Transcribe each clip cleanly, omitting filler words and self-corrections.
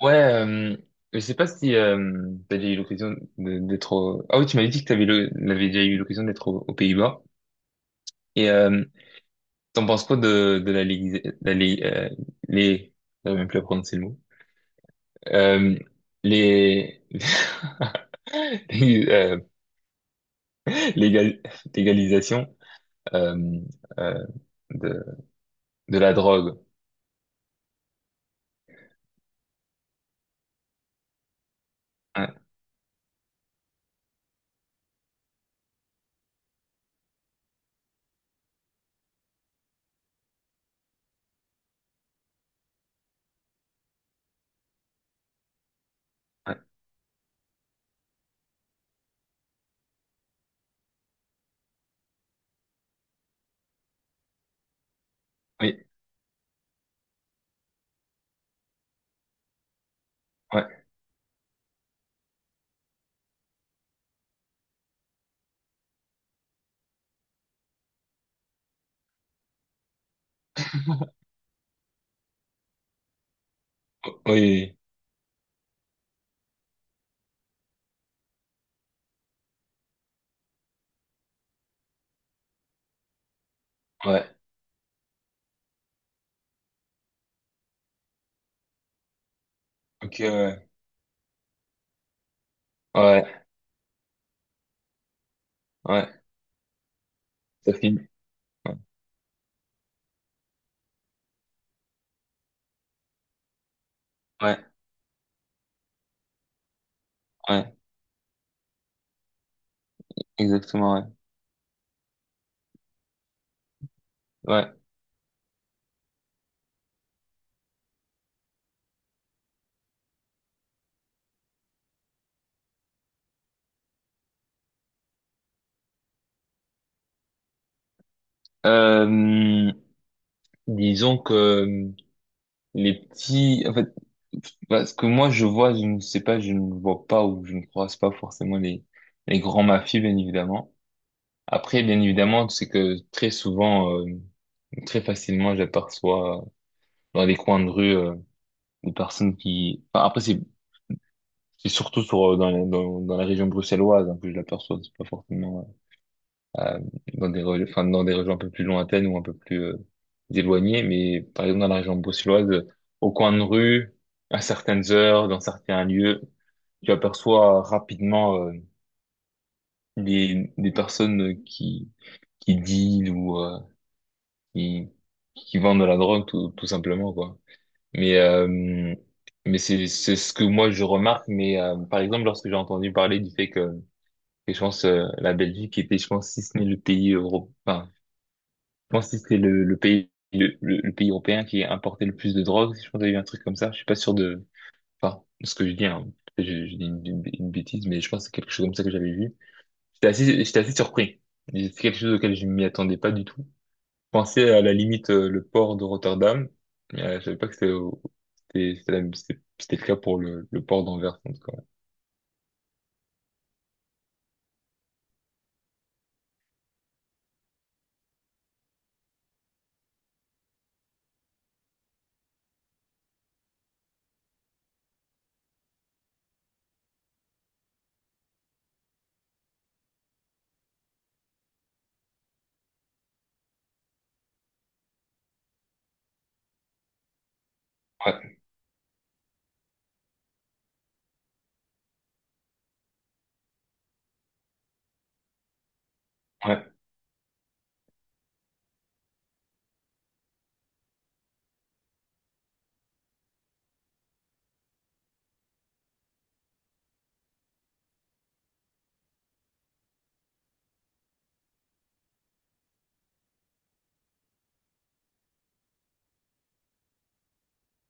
Ouais, euh, je sais pas si t'as déjà eu l'occasion d'être au... Ah oui, tu m'avais dit que t'avais le... l'avais déjà eu l'occasion d'être aux Pays-Bas. Et t'en penses quoi de la Ligue... La Ligue les... J'arrive même plus à prononcer le mot. Euh, les... les, euh, l'égal- l'égalisation euh, euh, de... de la drogue. Ouais, ouais, oui, ouais, oui, oui, oui, ouais. Ok, ouais, ouais, ouais, ouais. Ça finit. Ouais, ouais, ouais. Exactement, ouais. Ouais. Euh, Disons que les petits, en fait, parce que moi je vois, je ne sais pas, je ne vois pas ou je ne croise pas forcément les grands mafieux, bien évidemment. Après, bien évidemment, c'est que très souvent, très facilement, j'aperçois dans des coins de rue des personnes qui. Enfin, après, c'est surtout sur dans la région bruxelloise hein, que je l'aperçois. C'est pas forcément euh, dans des, dans des régions un peu plus lointaines ou un peu plus éloignées. Mais par exemple, dans la région bruxelloise, au coin de rue, à certaines heures, dans certains lieux, tu aperçois rapidement des personnes qui dealent ou qui, qui vendent de la drogue, tout simplement, quoi. Mais, euh, mais c'est ce que moi je remarque. Mais par exemple, lorsque j'ai entendu parler du fait que je pense la Belgique était, je pense, si ce n'est le pays européen pense que c'était le pays européen qui importait le plus de drogue. Si Je pense qu'il y a eu un truc comme ça. Je suis pas sûr de enfin ce que je dis, hein. Je dis une bêtise, mais je pense que c'est quelque chose comme ça que j'avais vu. J'étais assez surpris. C'est quelque chose auquel je m'y attendais pas du tout. Je pensais à la limite le port de Rotterdam. Je savais pas que c'était c'était le cas pour le port d'Anvers en tout cas. Ouais, ouais,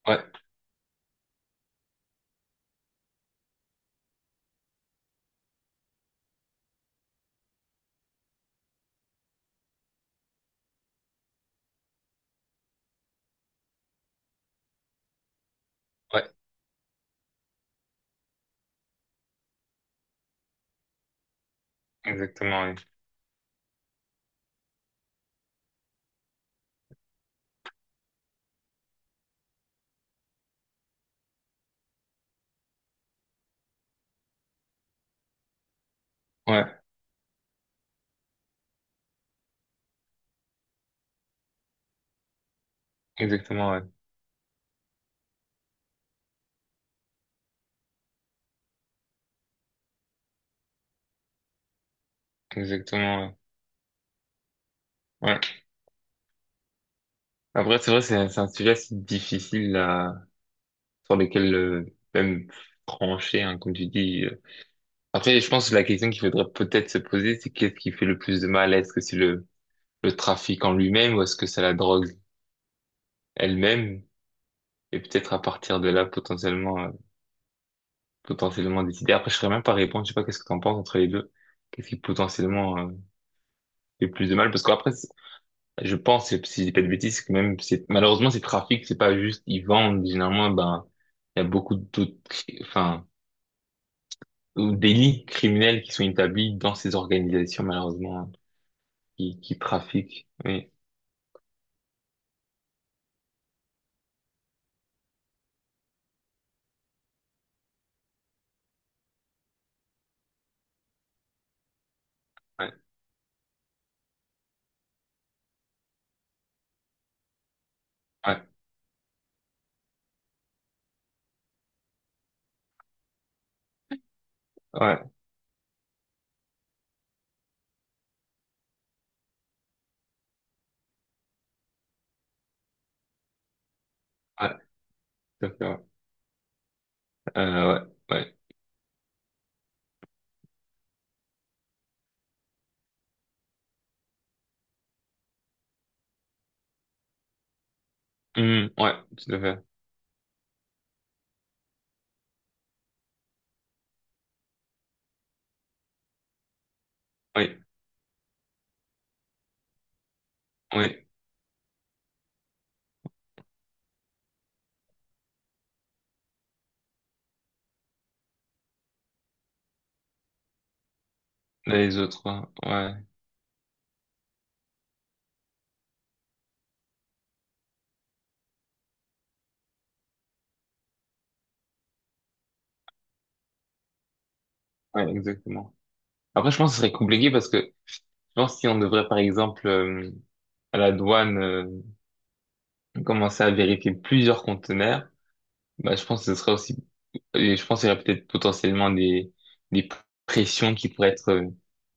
ouais, ouais, exactement, ouais, ouais, exactement, ouais, exactement, ouais. Ouais. Après, c'est vrai, c'est un sujet assez difficile là, sur lequel même trancher, hein, comme tu dis. Après, je pense que la question qu'il faudrait peut-être se poser, c'est qu'est-ce qui fait le plus de mal? Est-ce que c'est le trafic en lui-même ou est-ce que c'est la drogue elle-même? Et peut-être à partir de là, potentiellement, potentiellement décider. Après, je ne saurais même pas répondre. Je sais pas qu'est-ce que tu en penses entre les deux. Qu'est-ce qui potentiellement fait plus de mal? Parce qu'après, je pense, si je dis pas de bêtises, que même, malheureusement, ces trafics, c'est pas juste, ils vendent, généralement, ben, il y a beaucoup d'autres, ou délits criminels qui sont établis dans ces organisations, malheureusement, hein, qui trafiquent. Oui, ouais, ouais, ouais, ouais, tout à fait, ouais. Ouais. Ouais, tout à fait. Oui, oui, les autres, hein. Ouais, ouais, exactement. Après, je pense que ce serait compliqué parce que, je pense si on devrait, par exemple, à la douane, commencer à vérifier plusieurs conteneurs. Bah, je pense que ce sera aussi, et je pense qu'il y aurait peut-être potentiellement des pressions qui pourraient être euh,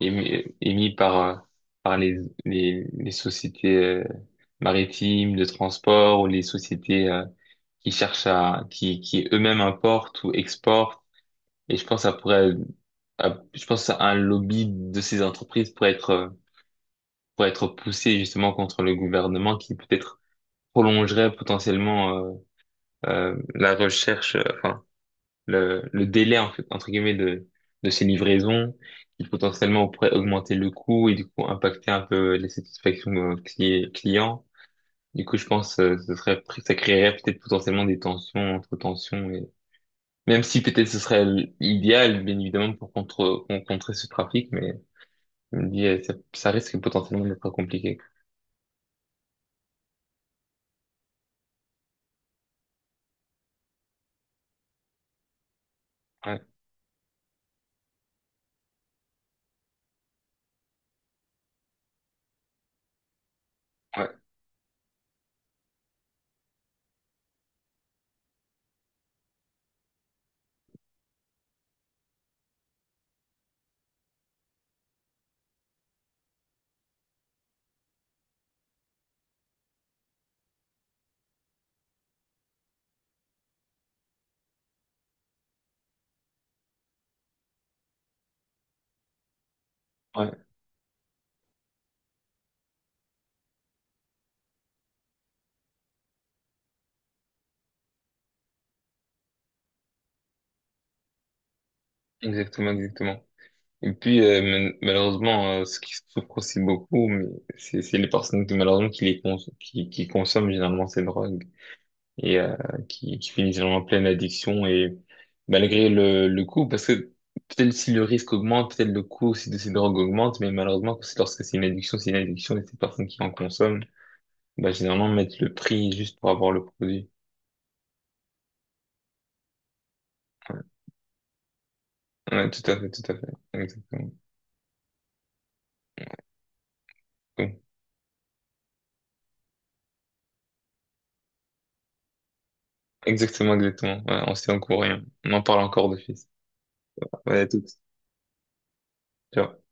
émi- émises par les sociétés maritimes de transport ou les sociétés qui cherchent qui eux-mêmes importent ou exportent. Et je pense que ça pourrait, je pense à un lobby de ces entreprises pour être poussé justement contre le gouvernement qui peut-être prolongerait potentiellement la recherche, enfin le délai en fait, entre guillemets de ces livraisons qui potentiellement pourrait augmenter le coût et du coup impacter un peu les satisfactions clients. Du coup, je pense ce serait ça créerait peut-être potentiellement des tensions entre tensions et même si peut-être ce serait l'idéal bien évidemment pour contre pour contrer ce trafic, mais je me dis ça risque potentiellement d'être compliqué. Ouais, ouais, ouais, exactement, exactement. Et puis, malheureusement, ce qui souffre aussi beaucoup, mais c'est les personnes qui, malheureusement, qui consomment généralement ces drogues et qui finissent généralement en pleine addiction et malgré le coût, parce que peut-être si le risque augmente, peut-être le coût aussi de ces drogues augmente, mais malheureusement, c'est lorsque c'est une addiction et ces personnes qui en consomment, bah, généralement, mettent le prix juste pour avoir le produit. Ouais, ouais, tout à fait, tout à fait. Exactement. Bon. Exactement, exactement. Ouais, on s'est en courant, hein. On en parle encore de fils. Ouais, à toutes. Ciao.